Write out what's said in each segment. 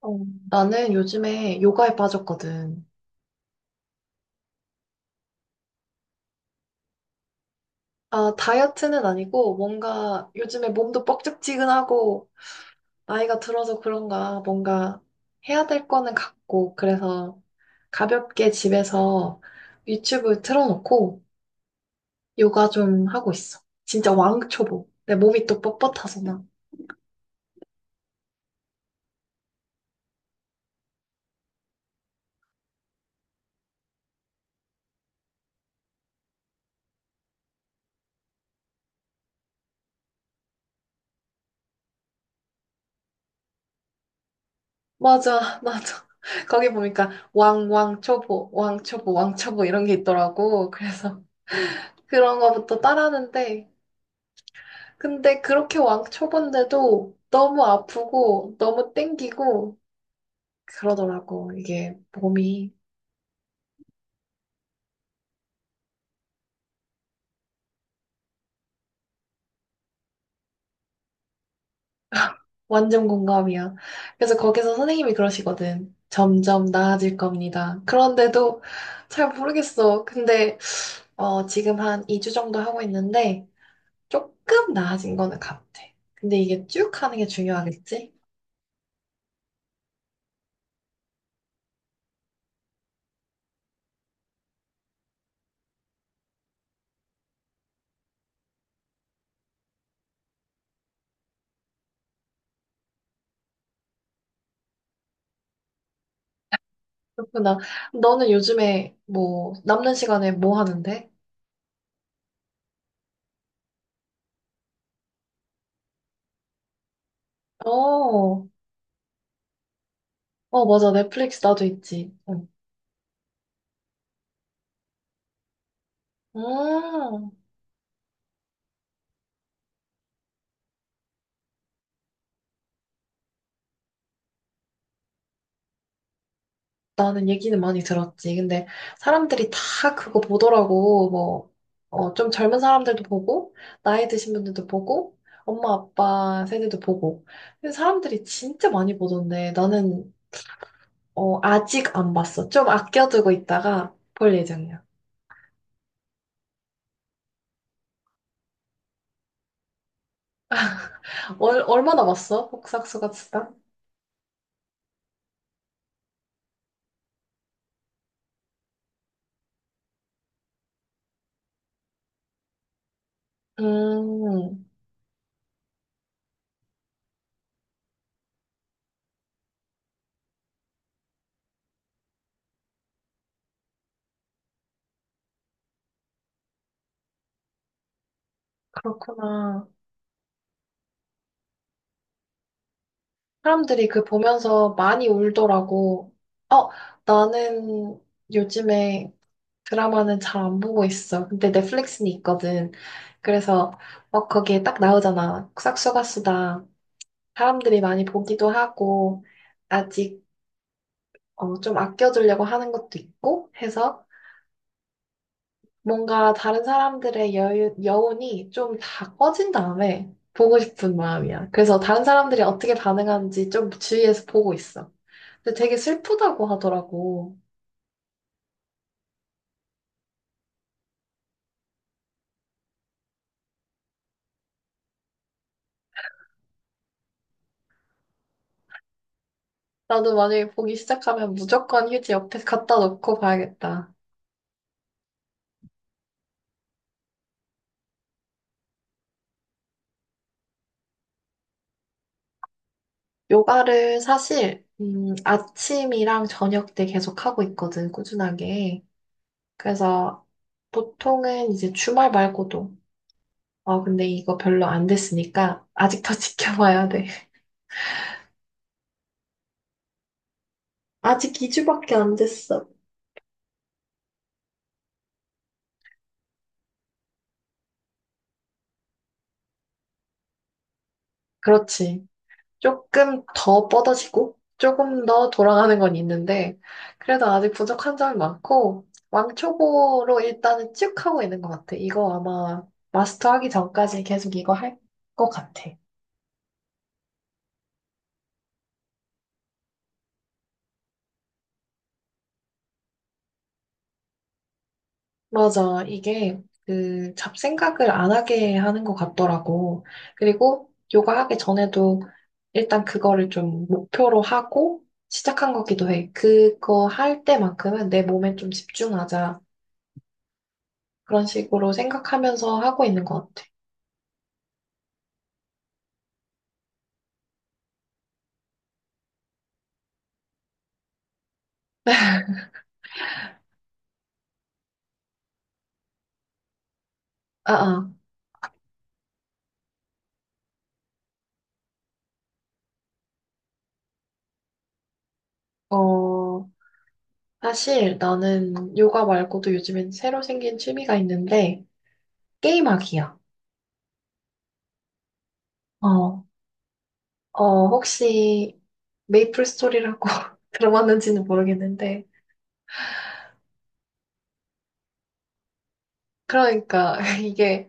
어, 나는 요즘에 요가에 빠졌거든. 아, 다이어트는 아니고 뭔가 요즘에 몸도 뻑적지근하고 나이가 들어서 그런가 뭔가 해야 될 거는 같고 그래서 가볍게 집에서 유튜브 틀어놓고 요가 좀 하고 있어. 진짜 왕초보. 내 몸이 또 뻣뻣해서 나. 맞아, 맞아. 거기 보니까 왕초보, 왕초보, 왕초보 이런 게 있더라고. 그래서 그런 거부터 따라하는데 근데 그렇게 왕 쳐본데도 너무 아프고 너무 땡기고 그러더라고. 이게 몸이 완전 공감이야. 그래서 거기서 선생님이 그러시거든. 점점 나아질 겁니다. 그런데도 잘 모르겠어. 근데 지금 한 2주 정도 하고 있는데 조금 나아진 거는 같아. 근데 이게 쭉 하는 게 중요하겠지? 그렇구나. 너는 요즘에 뭐 남는 시간에 뭐 하는데? 어, 어, 맞아. 넷플릭스 나도 있지. 응. 아, 나는 얘기는 많이 들었지. 근데 사람들이 다 그거 보더라고. 뭐, 어, 좀 젊은 사람들도 보고, 나이 드신 분들도 보고, 엄마, 아빠 세대도 보고. 근데 사람들이 진짜 많이 보던데, 나는, 아직 안 봤어. 좀 아껴두고 있다가 볼 예정이야. 얼마나 봤어? 복싹수가 진짜? 음, 그렇구나. 사람들이 그 보면서 많이 울더라고. 어, 나는 요즘에 드라마는 잘 안 보고 있어. 근데 넷플릭스는 있거든. 그래서 막 거기에 딱 나오잖아. 싹수가 수다. 사람들이 많이 보기도 하고 아직 좀 아껴주려고 하는 것도 있고 해서 뭔가 다른 사람들의 여유, 여운이 좀 다 꺼진 다음에 보고 싶은 마음이야. 그래서 다른 사람들이 어떻게 반응하는지 좀 주위에서 보고 있어. 근데 되게 슬프다고 하더라고. 나도 만약에 보기 시작하면 무조건 휴지 옆에 갖다 놓고 봐야겠다. 요가를 사실, 아침이랑 저녁 때 계속 하고 있거든, 꾸준하게. 그래서 보통은 이제 주말 말고도, 아 근데 이거 별로 안 됐으니까 아직 더 지켜봐야 돼. 아직 2주밖에 안 됐어. 그렇지. 조금 더 뻗어지고, 조금 더 돌아가는 건 있는데, 그래도 아직 부족한 점이 많고, 왕초보로 일단은 쭉 하고 있는 것 같아. 이거 아마 마스터하기 전까지 계속 이거 할 것 같아. 맞아. 이게 그 잡생각을 안 하게 하는 것 같더라고. 그리고 요가 하기 전에도 일단 그거를 좀 목표로 하고 시작한 거기도 해. 그거 할 때만큼은 내 몸에 좀 집중하자. 그런 식으로 생각하면서 하고 있는 것 같아. 아, 아. 어, 사실 나는 요가 말고도 요즘엔 새로 생긴 취미가 있는데 게임하기야. 어, 혹시 메이플 스토리라고 들어봤는지는 모르겠는데 그러니까 이게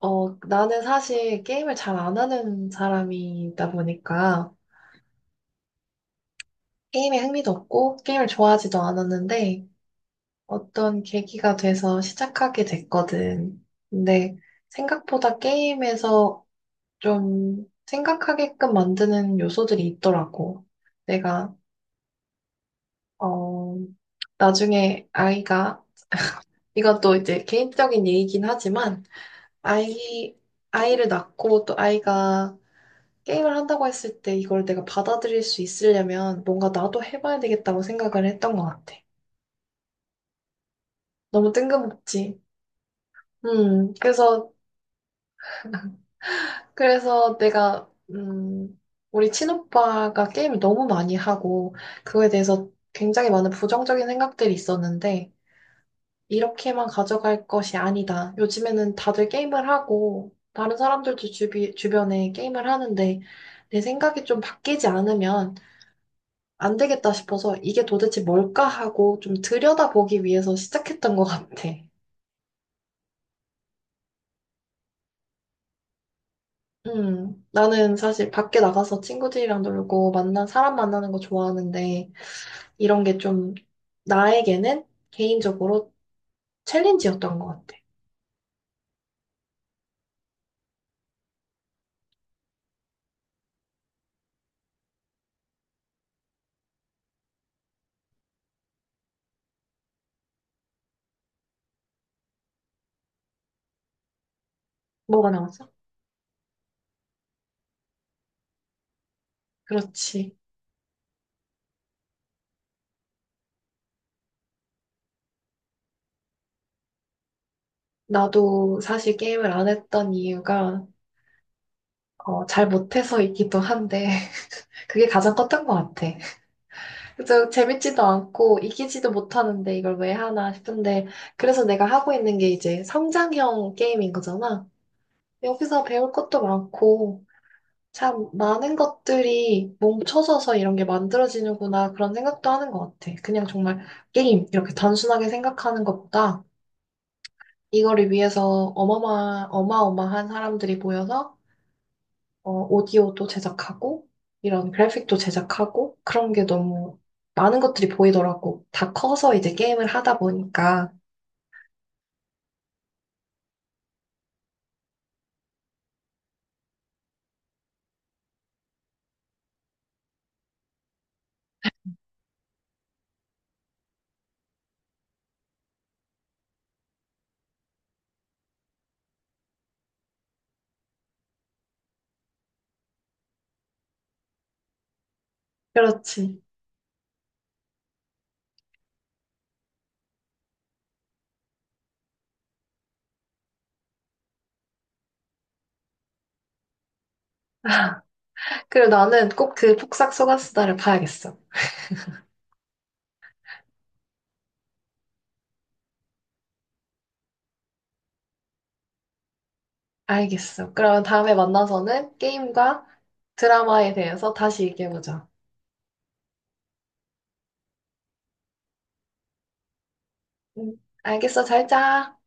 나는 사실 게임을 잘 안 하는 사람이다 보니까 게임에 흥미도 없고 게임을 좋아하지도 않았는데 어떤 계기가 돼서 시작하게 됐거든. 근데 생각보다 게임에서 좀 생각하게끔 만드는 요소들이 있더라고. 내가 어 나중에 아이가 이건 또 이제 개인적인 얘기긴 하지만 아이 아이를 낳고 또 아이가 게임을 한다고 했을 때 이걸 내가 받아들일 수 있으려면 뭔가 나도 해봐야 되겠다고 생각을 했던 것 같아. 너무 뜬금없지. 그래서, 그래서 내가, 우리 친오빠가 게임을 너무 많이 하고, 그거에 대해서 굉장히 많은 부정적인 생각들이 있었는데, 이렇게만 가져갈 것이 아니다. 요즘에는 다들 게임을 하고, 다른 사람들도 주변에 게임을 하는데, 내 생각이 좀 바뀌지 않으면, 안 되겠다 싶어서 이게 도대체 뭘까 하고 좀 들여다보기 위해서 시작했던 것 같아. 나는 사실 밖에 나가서 친구들이랑 놀고 만난 사람 만나는 거 좋아하는데 이런 게 좀 나에게는 개인적으로 챌린지였던 것 같아. 뭐가 나왔어? 그렇지. 나도 사실 게임을 안 했던 이유가 잘 못해서이기도 한데 그게 가장 컸던 것 같아. 그저 재밌지도 않고 이기지도 못하는데 이걸 왜 하나 싶은데 그래서 내가 하고 있는 게 이제 성장형 게임인 거잖아. 여기서 배울 것도 많고 참 많은 것들이 뭉쳐져서 이런 게 만들어지는구나 그런 생각도 하는 것 같아. 그냥 정말 게임 이렇게 단순하게 생각하는 것보다 이거를 위해서 어마어마한 사람들이 모여서 오디오도 제작하고, 이런 그래픽도 제작하고, 그런 게 너무 많은 것들이 보이더라고. 다 커서 이제 게임을 하다 보니까. 그렇지. 그리고 나는 꼭 그 폭삭 소가수다를 봐야겠어. 알겠어. 그러면 다음에 만나서는 게임과 드라마에 대해서 다시 얘기해보자. 응, 알겠어. 잘 자.